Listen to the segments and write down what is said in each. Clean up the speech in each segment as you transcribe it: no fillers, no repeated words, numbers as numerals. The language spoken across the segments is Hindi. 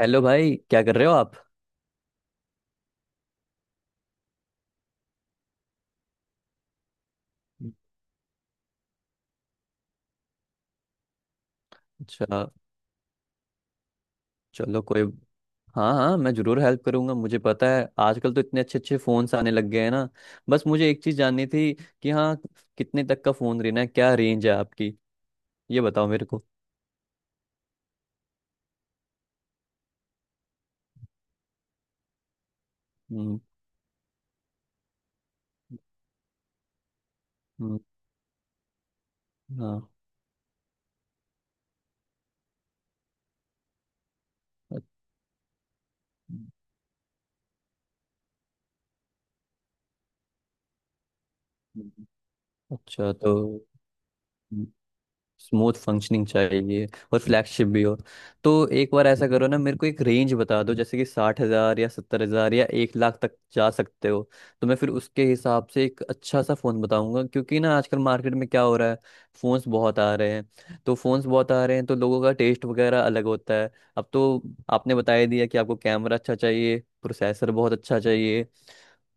हेलो भाई, क्या कर रहे हो आप? अच्छा। चलो, कोई। हाँ हाँ, मैं जरूर हेल्प करूंगा। मुझे पता है आजकल तो इतने अच्छे अच्छे फ़ोन्स आने लग गए हैं ना। बस मुझे एक चीज़ जाननी थी कि हाँ, कितने तक का फ़ोन लेना है, क्या रेंज है आपकी? ये बताओ मेरे को। हम्म। हम्म। हाँ। अ- हम्म। अच्छा, तो स्मूथ फंक्शनिंग चाहिए और फ्लैगशिप भी हो, तो एक बार ऐसा करो ना, मेरे को एक रेंज बता दो, जैसे कि 60,000 या 70,000 या 1 लाख तक जा सकते हो। तो मैं फिर उसके हिसाब से एक अच्छा सा फ़ोन बताऊंगा, क्योंकि ना आजकल मार्केट में क्या हो रहा है, फ़ोन्स बहुत आ रहे हैं, तो लोगों का टेस्ट वगैरह अलग होता है। अब तो आपने बता ही दिया कि आपको कैमरा अच्छा चाहिए, प्रोसेसर बहुत अच्छा चाहिए,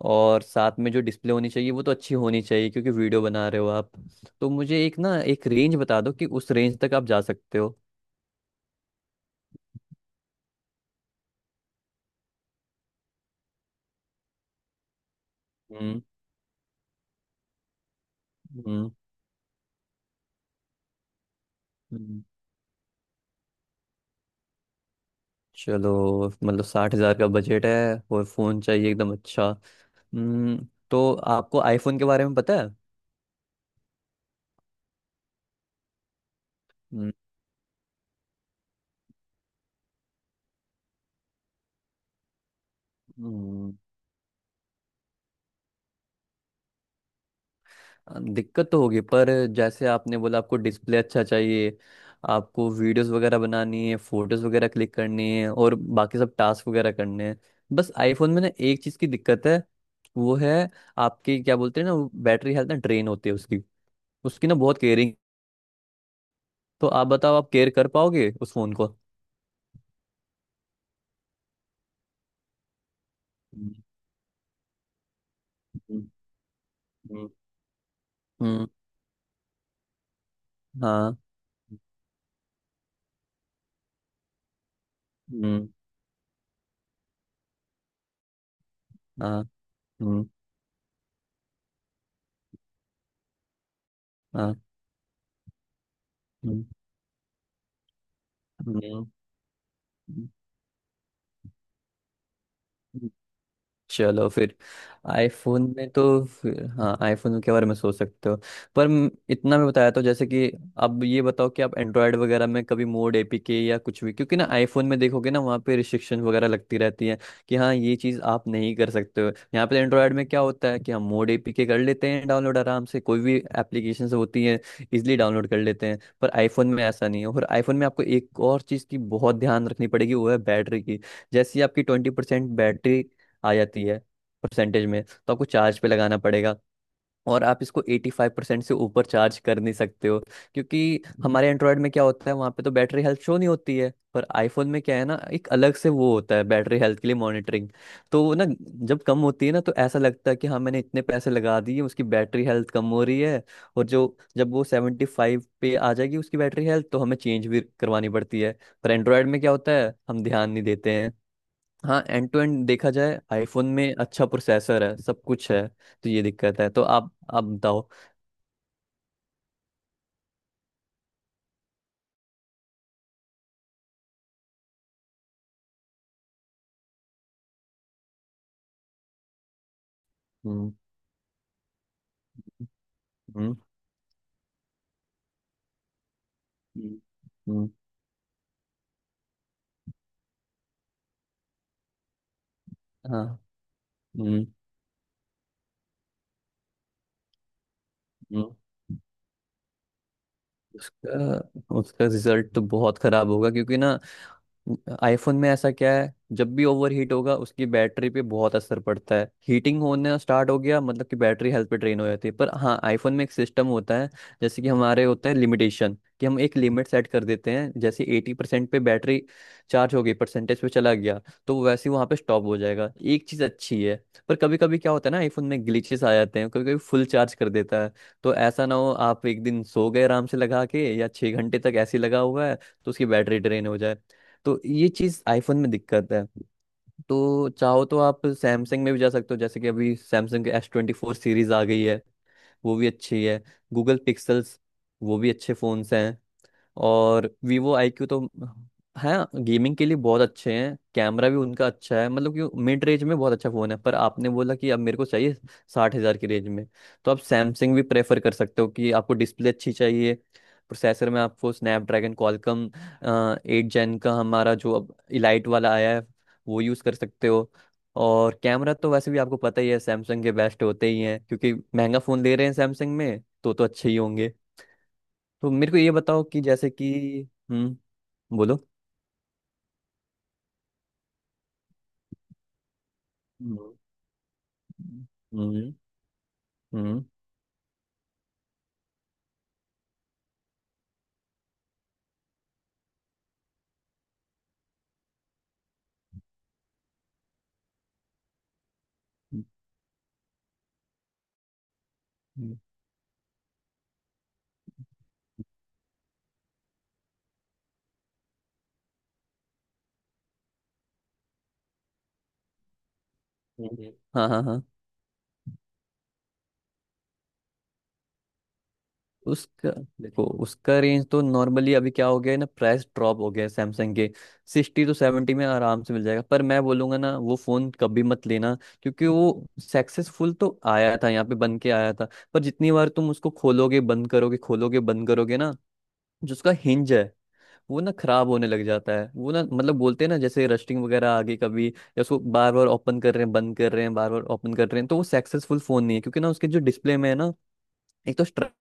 और साथ में जो डिस्प्ले होनी चाहिए वो तो अच्छी होनी चाहिए, क्योंकि वीडियो बना रहे हो आप। तो मुझे एक ना एक रेंज बता दो कि उस रेंज तक आप जा सकते हो। हम्म। हम्म। हम्म। चलो, मतलब 60,000 का बजट है, और फोन चाहिए एकदम अच्छा। हम्म। तो आपको आईफोन के बारे में पता है? हम्म। हम्म। दिक्कत तो होगी, पर जैसे आपने बोला, आपको डिस्प्ले अच्छा चाहिए, आपको वीडियोस वगैरह बनानी है, फोटोज वगैरह क्लिक करनी है और बाकी सब टास्क वगैरह करने हैं। बस आईफोन में ना एक चीज़ की दिक्कत है, वो है आपकी, क्या बोलते हैं ना, बैटरी हेल्थ ना ड्रेन होती है उसकी। उसकी ना बहुत केयरिंग। तो आप बताओ, आप केयर कर पाओगे उस फोन को? हम्म। हम्म। हम्म। हाँ। हम्म। हाँ। हम्म। हाँ। हम्म। हम्म। हम्म। चलो फिर, आईफोन में, तो फिर हाँ, आईफोन के बारे में सोच सकते हो। पर इतना मैं बताया, तो जैसे कि अब ये बताओ कि आप एंड्रॉयड वगैरह में कभी मोड एपीके या कुछ भी, क्योंकि ना आईफोन में देखोगे ना, वहाँ पे रिस्ट्रिक्शन वगैरह लगती रहती है कि हाँ, ये चीज़ आप नहीं कर सकते हो। यहाँ पे एंड्रॉयड में क्या होता है कि हम मोड एपीके कर लेते हैं डाउनलोड, आराम से कोई भी एप्लीकेशन होती है इजिली डाउनलोड कर लेते हैं, पर आईफोन में ऐसा नहीं है। और आईफोन में आपको एक और चीज़ की बहुत ध्यान रखनी पड़ेगी, वो है बैटरी की। जैसे ही आपकी 20% बैटरी आ जाती है परसेंटेज में, तो आपको चार्ज पे लगाना पड़ेगा, और आप इसको 85% से ऊपर चार्ज कर नहीं सकते हो, क्योंकि हमारे एंड्रॉयड में क्या होता है, वहाँ पे तो बैटरी हेल्थ शो नहीं होती है, पर आईफोन में क्या है ना, एक अलग से वो होता है बैटरी हेल्थ के लिए मॉनिटरिंग। तो वो ना, जब कम होती है ना, तो ऐसा लगता है कि हाँ, मैंने इतने पैसे लगा दिए, उसकी बैटरी हेल्थ कम हो रही है। और जो जब वो 75 पे आ जाएगी उसकी बैटरी हेल्थ, तो हमें चेंज भी करवानी पड़ती है। पर एंड्रॉयड में क्या होता है, हम ध्यान नहीं देते हैं। हाँ, एंड टू एंड देखा जाए, आईफोन में अच्छा प्रोसेसर है, सब कुछ है, तो ये दिक्कत है। तो आप बताओ। हम्म। हम्म। हम्म। हम्म। हाँ। हम्म। हम्म। उसका उसका रिजल्ट तो बहुत खराब होगा, क्योंकि ना आईफोन में ऐसा क्या है, जब भी ओवर हीट होगा उसकी बैटरी पे बहुत असर पड़ता है। हीटिंग होने स्टार्ट हो गया मतलब कि बैटरी हेल्थ पे ड्रेन हो जाती है। पर हाँ, आईफोन में एक सिस्टम होता है, जैसे कि हमारे होता है लिमिटेशन, कि हम एक लिमिट सेट कर देते हैं, जैसे 80% पे बैटरी चार्ज हो गई परसेंटेज पे, चला गया, तो वो वैसे ही वहाँ पे स्टॉप हो जाएगा, एक चीज़ अच्छी है। पर कभी कभी क्या होता है ना, आईफोन में ग्लिचेस आ जाते हैं, कभी कभी फुल चार्ज कर देता है। तो ऐसा ना हो, आप एक दिन सो गए आराम से लगा के, या 6 घंटे तक ऐसे ही लगा हुआ है, तो उसकी बैटरी ड्रेन हो जाए। तो ये चीज़ आईफोन में दिक्कत है। तो चाहो तो आप सैमसंग में भी जा सकते हो, जैसे कि अभी सैमसंग के एस ट्वेंटी फोर सीरीज आ गई है, वो भी अच्छी है। गूगल पिक्सल्स, वो भी अच्छे फोन्स हैं। और वीवो आई क्यू, तो हाँ, गेमिंग के लिए बहुत अच्छे हैं, कैमरा भी उनका अच्छा है, मतलब कि मिड रेंज में बहुत अच्छा फ़ोन है। पर आपने बोला कि अब मेरे को चाहिए 60,000 की रेंज में। तो आप सैमसंग भी प्रेफर कर सकते हो, कि आपको डिस्प्ले अच्छी चाहिए, प्रोसेसर में आपको स्नैपड्रैगन क्वालकॉम एट जेन का हमारा जो अब इलाइट वाला आया है वो यूज़ कर सकते हो। और कैमरा तो वैसे भी आपको पता ही है, सैमसंग के बेस्ट होते ही हैं, क्योंकि महंगा फ़ोन ले रहे हैं सैमसंग में, तो अच्छे ही होंगे। तो मेरे को ये बताओ कि जैसे कि हम्म। बोलो। हम्म। हम्म। हम्म। हम्म। हम्म। हाँ हाँ हाँ। उसका देखो, उसका रेंज तो नॉर्मली, अभी क्या हो गया है ना, प्राइस ड्रॉप हो गया है सैमसंग के, सिक्सटी टू सेवेंटी में आराम से मिल जाएगा। पर मैं बोलूंगा ना, वो फ़ोन कभी मत लेना, क्योंकि वो सक्सेसफुल तो आया था, यहाँ पे बन के आया था, पर जितनी बार तुम उसको खोलोगे बंद करोगे ना, जो उसका हिंज है वो ना खराब होने लग जाता है। वो ना, मतलब बोलते हैं ना, जैसे रस्टिंग वगैरह आ गई कभी, या उसको बार बार ओपन कर रहे हैं बंद कर रहे हैं बार बार ओपन कर रहे हैं, तो वो सक्सेसफुल फोन नहीं है, क्योंकि ना उसके जो डिस्प्ले में है ना, एक तो स्क्रैच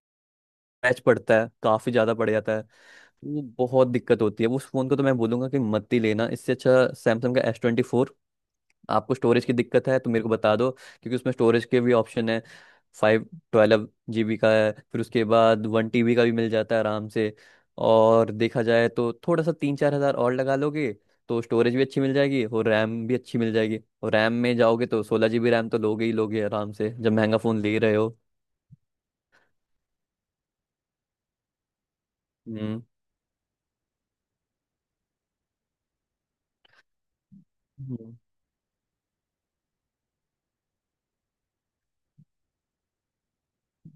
पड़ता है, काफी ज्यादा पड़ जाता है, वो बहुत दिक्कत होती है उस फोन को। तो मैं बोलूंगा कि मत ही लेना। इससे अच्छा सैमसंग का एस ट्वेंटी। आपको स्टोरेज की दिक्कत है तो मेरे को बता दो, क्योंकि उसमें स्टोरेज के भी ऑप्शन है, फाइव ट्वेल्व जीबी का है, फिर उसके बाद वन टीबी का भी मिल जाता है आराम से। और देखा जाए तो थोड़ा सा तीन चार हज़ार और लगा लोगे, तो स्टोरेज भी अच्छी मिल जाएगी और रैम भी अच्छी मिल जाएगी, और रैम में जाओगे तो 16 जीबी रैम तो लोगे ही लोगे आराम से, जब महंगा फ़ोन ले रहे हो। हम्म।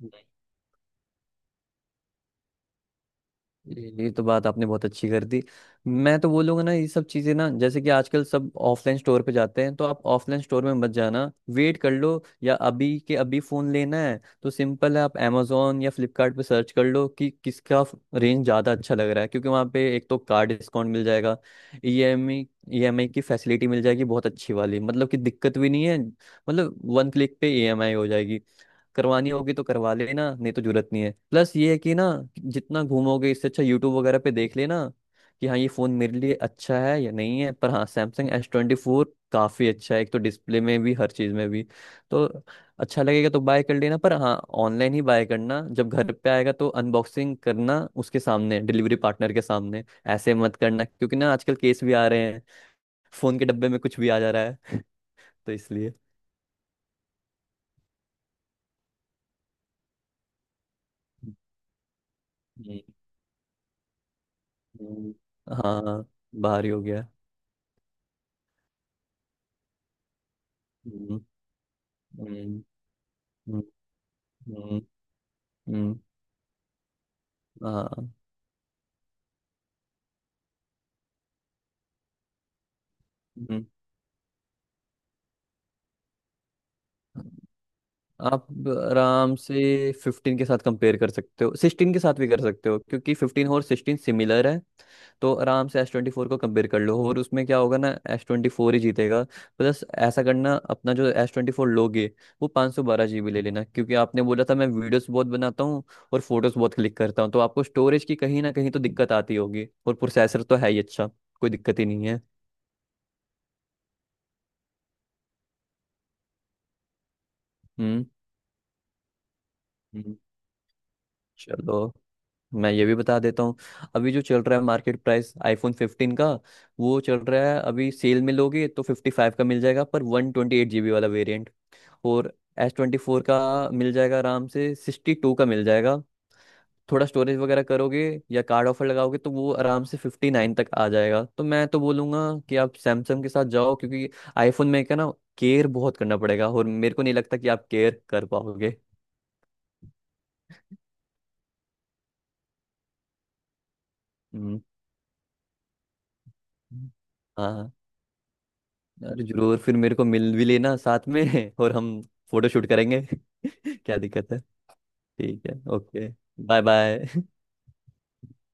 हम्म। ये तो बात आपने बहुत अच्छी कर दी। मैं तो बोलूंगा ना, ये सब चीजें ना, जैसे कि आजकल सब ऑफलाइन स्टोर पे जाते हैं, तो आप ऑफलाइन स्टोर में मत जाना, वेट कर लो, या अभी के अभी फोन लेना है तो सिंपल है, आप amazon या फ्लिपकार्ट पे सर्च कर लो कि किसका रेंज ज्यादा अच्छा लग रहा है। क्योंकि वहाँ पे एक तो कार डिस्काउंट मिल जाएगा, ई एम ई EMI की फैसिलिटी मिल जाएगी बहुत अच्छी वाली, मतलब कि दिक्कत भी नहीं है, मतलब वन क्लिक पे EMI हो जाएगी। करवानी होगी तो करवा लेना, नहीं तो जरूरत नहीं है। प्लस ये है कि ना, जितना घूमोगे इससे अच्छा यूट्यूब वगैरह पे देख लेना कि हाँ, ये फ़ोन मेरे लिए अच्छा है या नहीं है। पर हाँ, सैमसंग एस ट्वेंटी फोर काफ़ी अच्छा है, एक तो डिस्प्ले में भी, हर चीज़ में भी, तो अच्छा लगेगा तो बाय कर लेना। पर हाँ, ऑनलाइन ही बाय करना, जब घर पे आएगा तो अनबॉक्सिंग करना उसके सामने, डिलीवरी पार्टनर के सामने। ऐसे मत करना, क्योंकि ना आजकल केस भी आ रहे हैं, फ़ोन के डब्बे में कुछ भी आ जा रहा है, तो इसलिए। हम्म। हम्म। हाँ, बाहर ही हो गया। हम्म। हम्म। हम्म। हम्म। हम्म। हाँ। हम्म। आप आराम से 15 के साथ कंपेयर कर सकते हो, 16 के साथ भी कर सकते हो, क्योंकि 15 और 16 सिमिलर है। तो आराम से एस ट्वेंटी फोर को कंपेयर कर लो, और उसमें क्या होगा ना, एस ट्वेंटी फोर ही जीतेगा। प्लस ऐसा करना, अपना जो एस ट्वेंटी फोर लोगे वो 512 जीबी ले लेना, क्योंकि आपने बोला था मैं वीडियोस बहुत बनाता हूँ और फोटोज बहुत क्लिक करता हूँ, तो आपको स्टोरेज की कहीं ना कहीं तो दिक्कत आती होगी, और प्रोसेसर तो है ही अच्छा, कोई दिक्कत ही नहीं है। हम्म। हम्म। चलो, मैं ये भी बता देता हूँ। अभी जो चल रहा है मार्केट प्राइस, आईफोन 15 का वो चल रहा है, अभी सेल में लोगे तो 55 का मिल जाएगा, पर 128 जीबी वाला वेरिएंट। और एस ट्वेंटी फोर का मिल जाएगा आराम से 62 का मिल जाएगा, थोड़ा स्टोरेज वगैरह करोगे या कार्ड ऑफर लगाओगे तो वो आराम से 59 तक आ जाएगा। तो मैं तो बोलूँगा कि आप सैमसंग के साथ जाओ, क्योंकि आईफोन में क्या ना, केयर बहुत करना पड़ेगा, और मेरे को नहीं लगता कि आप केयर कर पाओगे। हम्म। हाँ, अरे जरूर, फिर मेरे को मिल भी लेना साथ में। और हम फोटो शूट करेंगे। क्या दिक्कत है? ठीक है, ओके, बाय बाय।